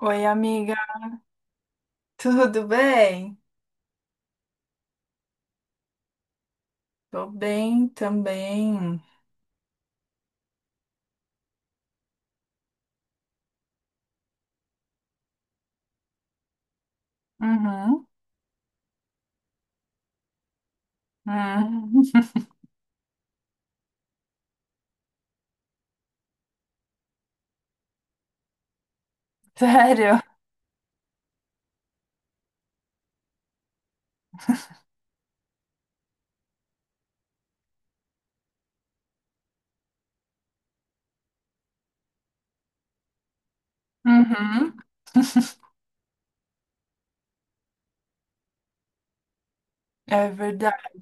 Oi, amiga, tudo bem? Tô bem também. Uhum. Uhum. Sério? Uhum. É verdade.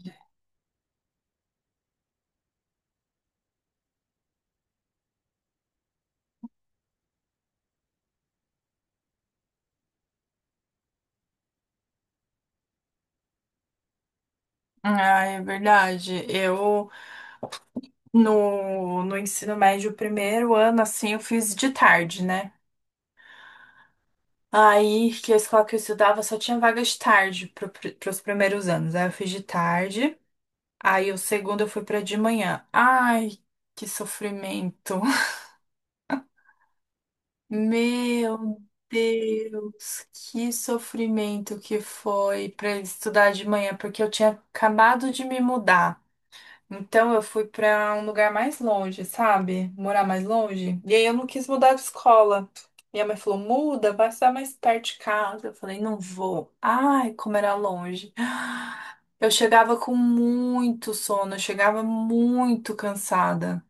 Ah, é verdade. Eu, no ensino médio, primeiro ano, assim, eu fiz de tarde, né? Aí, que a escola que eu estudava só tinha vaga de tarde para os primeiros anos. Aí eu fiz de tarde. Aí o segundo eu fui pra de manhã. Ai, que sofrimento. Meu Deus, que sofrimento que foi para estudar de manhã, porque eu tinha acabado de me mudar. Então eu fui para um lugar mais longe, sabe? Morar mais longe. E aí eu não quis mudar de escola. Minha mãe falou: muda, vai estar mais perto de casa. Eu falei: não vou. Ai, como era longe. Eu chegava com muito sono, eu chegava muito cansada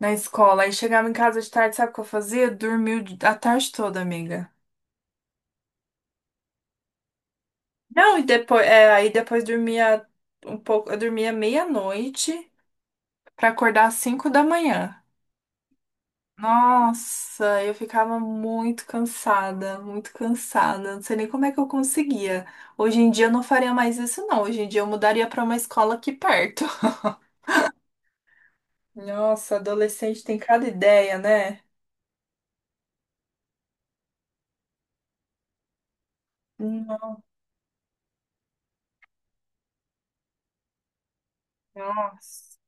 na escola. Aí chegava em casa de tarde, sabe o que eu fazia? Dormia a tarde toda, amiga. Não, e depois, é, aí depois dormia um pouco, eu dormia meia-noite pra acordar às 5 da manhã. Nossa, eu ficava muito cansada, muito cansada. Não sei nem como é que eu conseguia. Hoje em dia eu não faria mais isso, não. Hoje em dia eu mudaria pra uma escola aqui perto. Nossa, adolescente tem cada ideia, né? Nossa.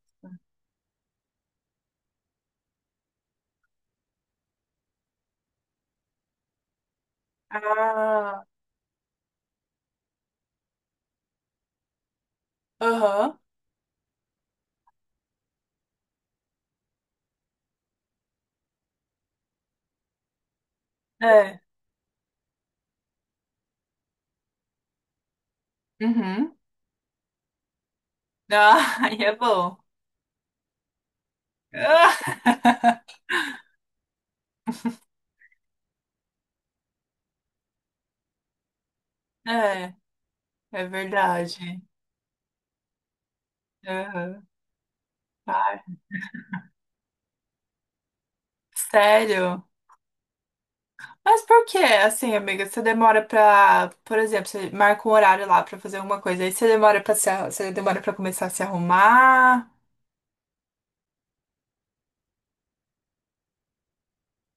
Ah, aham. É. Uhum. Ah, aí é bom. Ah, é verdade. Aham. Ai, sério? Mas por que, assim, amiga, você demora pra, por exemplo, você marca um horário lá pra fazer alguma coisa, aí você demora pra se, você demora pra começar a se arrumar?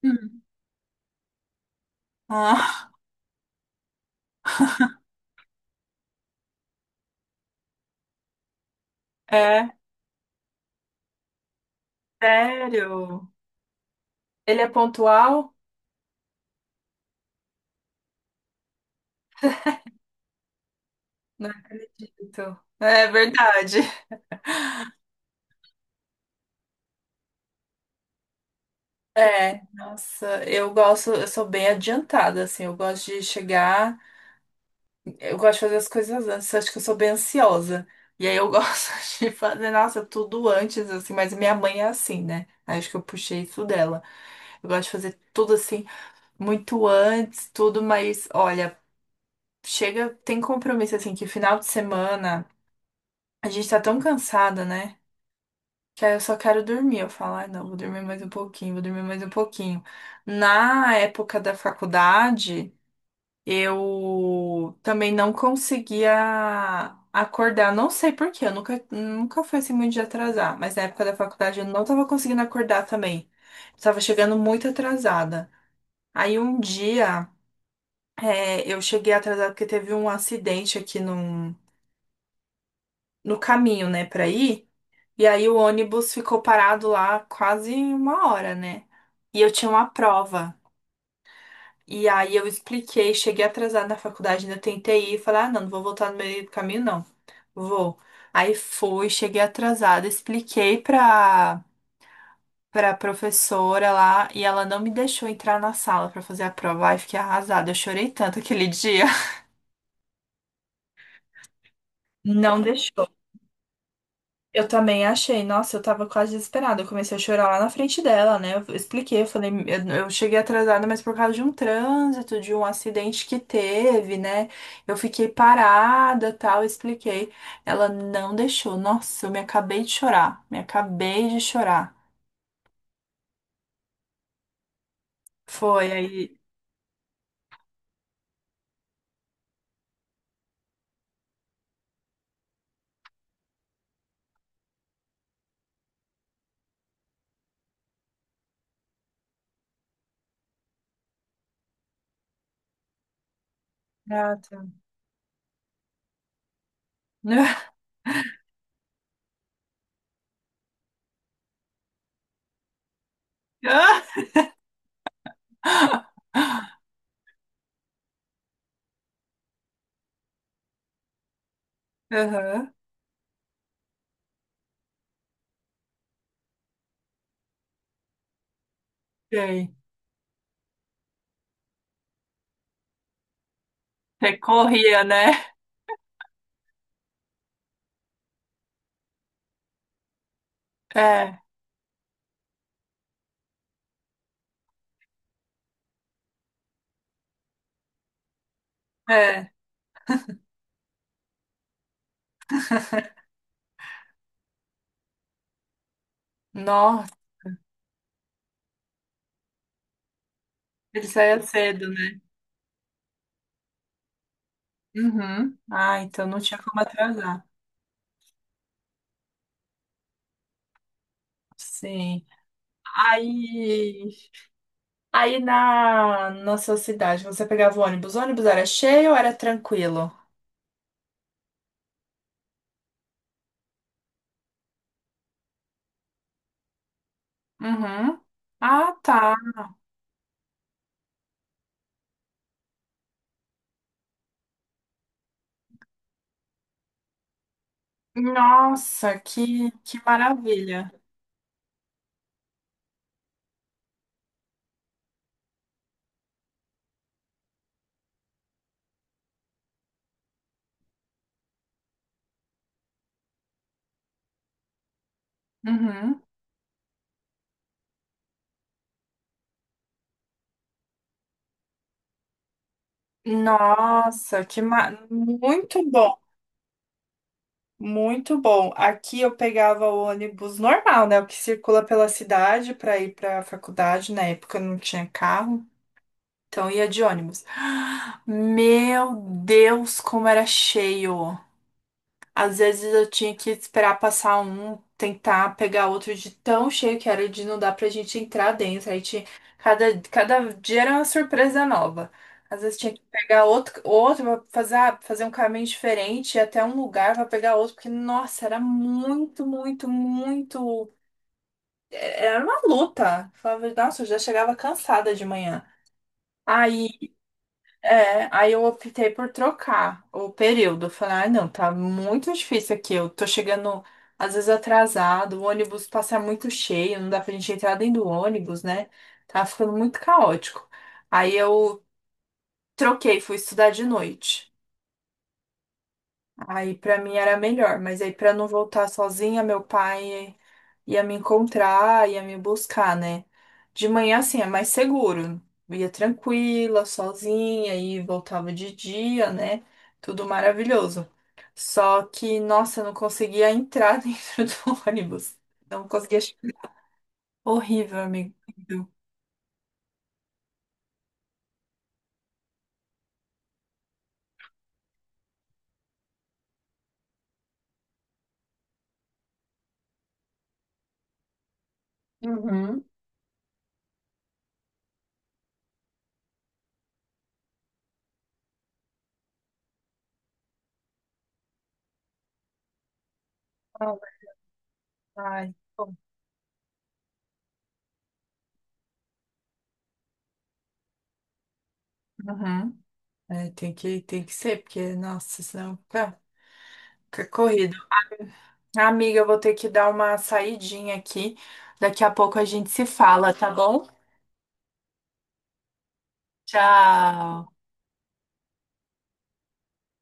Hum. Ah, é, sério? Ele é pontual? Não acredito. É verdade. É, nossa, eu gosto, eu sou bem adiantada, assim, eu gosto de chegar. Eu gosto de fazer as coisas antes, acho que eu sou bem ansiosa. E aí eu gosto de fazer, nossa, tudo antes, assim, mas minha mãe é assim, né? Aí acho que eu puxei isso dela. Eu gosto de fazer tudo assim, muito antes, tudo, mas olha, chega, tem compromisso assim, que final de semana a gente tá tão cansada, né? Que aí eu só quero dormir. Eu falo, ai não, vou dormir mais um pouquinho, vou dormir mais um pouquinho. Na época da faculdade. Eu também não conseguia acordar, não sei por quê, eu nunca, nunca fui assim muito de atrasar, mas na época da faculdade eu não tava conseguindo acordar também. Tava chegando muito atrasada. Aí um dia eu cheguei atrasada porque teve um acidente aqui no caminho, né, pra ir, e aí o ônibus ficou parado lá quase uma hora, né? E eu tinha uma prova. E aí eu expliquei, cheguei atrasada na faculdade, ainda tentei ir, falei, ah, não, não vou voltar no meio do caminho, não. Vou. Aí fui, cheguei atrasada, expliquei pra professora lá e ela não me deixou entrar na sala pra fazer a prova. Aí fiquei arrasada, eu chorei tanto aquele dia. Não deixou. Eu também achei. Nossa, eu tava quase desesperada. Eu comecei a chorar lá na frente dela, né? Eu expliquei, eu falei, eu cheguei atrasada, mas por causa de um trânsito, de um acidente que teve, né? Eu fiquei parada, tal, eu expliquei. Ela não deixou. Nossa, eu me acabei de chorar, me acabei de chorar. Foi aí. Gata. Aham. Sei. Você corria, né? É, é. Nossa, ele saía cedo, né? Uhum. Ah, então não tinha como atrasar. Sim. Aí, aí na sua cidade, você pegava o ônibus? O ônibus era cheio ou era tranquilo? Uhum. Ah, tá. Nossa, que maravilha. Uhum. Nossa, que muito bom. Muito bom. Aqui eu pegava o ônibus normal, né? O que circula pela cidade para ir para a faculdade. Na época eu não tinha carro, então eu ia de ônibus. Meu Deus, como era cheio! Às vezes eu tinha que esperar passar um, tentar pegar outro de tão cheio que era de não dar pra gente entrar dentro. Aí tinha, cada dia era uma surpresa nova. Às vezes tinha que pegar outro pra fazer, ah, fazer um caminho diferente, ir até um lugar pra pegar outro, porque, nossa, era muito, muito, muito. É, Era uma luta. Falava, nossa, eu já chegava cansada de manhã. Aí aí eu optei por trocar o período. Eu falei, ah, não, tá muito difícil aqui. Eu tô chegando às vezes atrasado, o ônibus passa muito cheio, não dá pra gente entrar dentro do ônibus, né? Tá ficando muito caótico. Aí eu troquei, fui estudar de noite. Aí pra mim era melhor, mas aí pra não voltar sozinha, meu pai ia me encontrar, ia me buscar, né? De manhã assim é mais seguro, eu ia tranquila, sozinha e voltava de dia, né? Tudo maravilhoso. Só que, nossa, eu não conseguia entrar dentro do ônibus. Não conseguia. Horrível, amigo. Horrível. Uhum. Ai, bom. Uhum. É, tem que ser, porque, nossa, senão fica, fica corrido. Ah, amiga, eu vou ter que dar uma saidinha aqui. Daqui a pouco a gente se fala, tá bom? Tchau.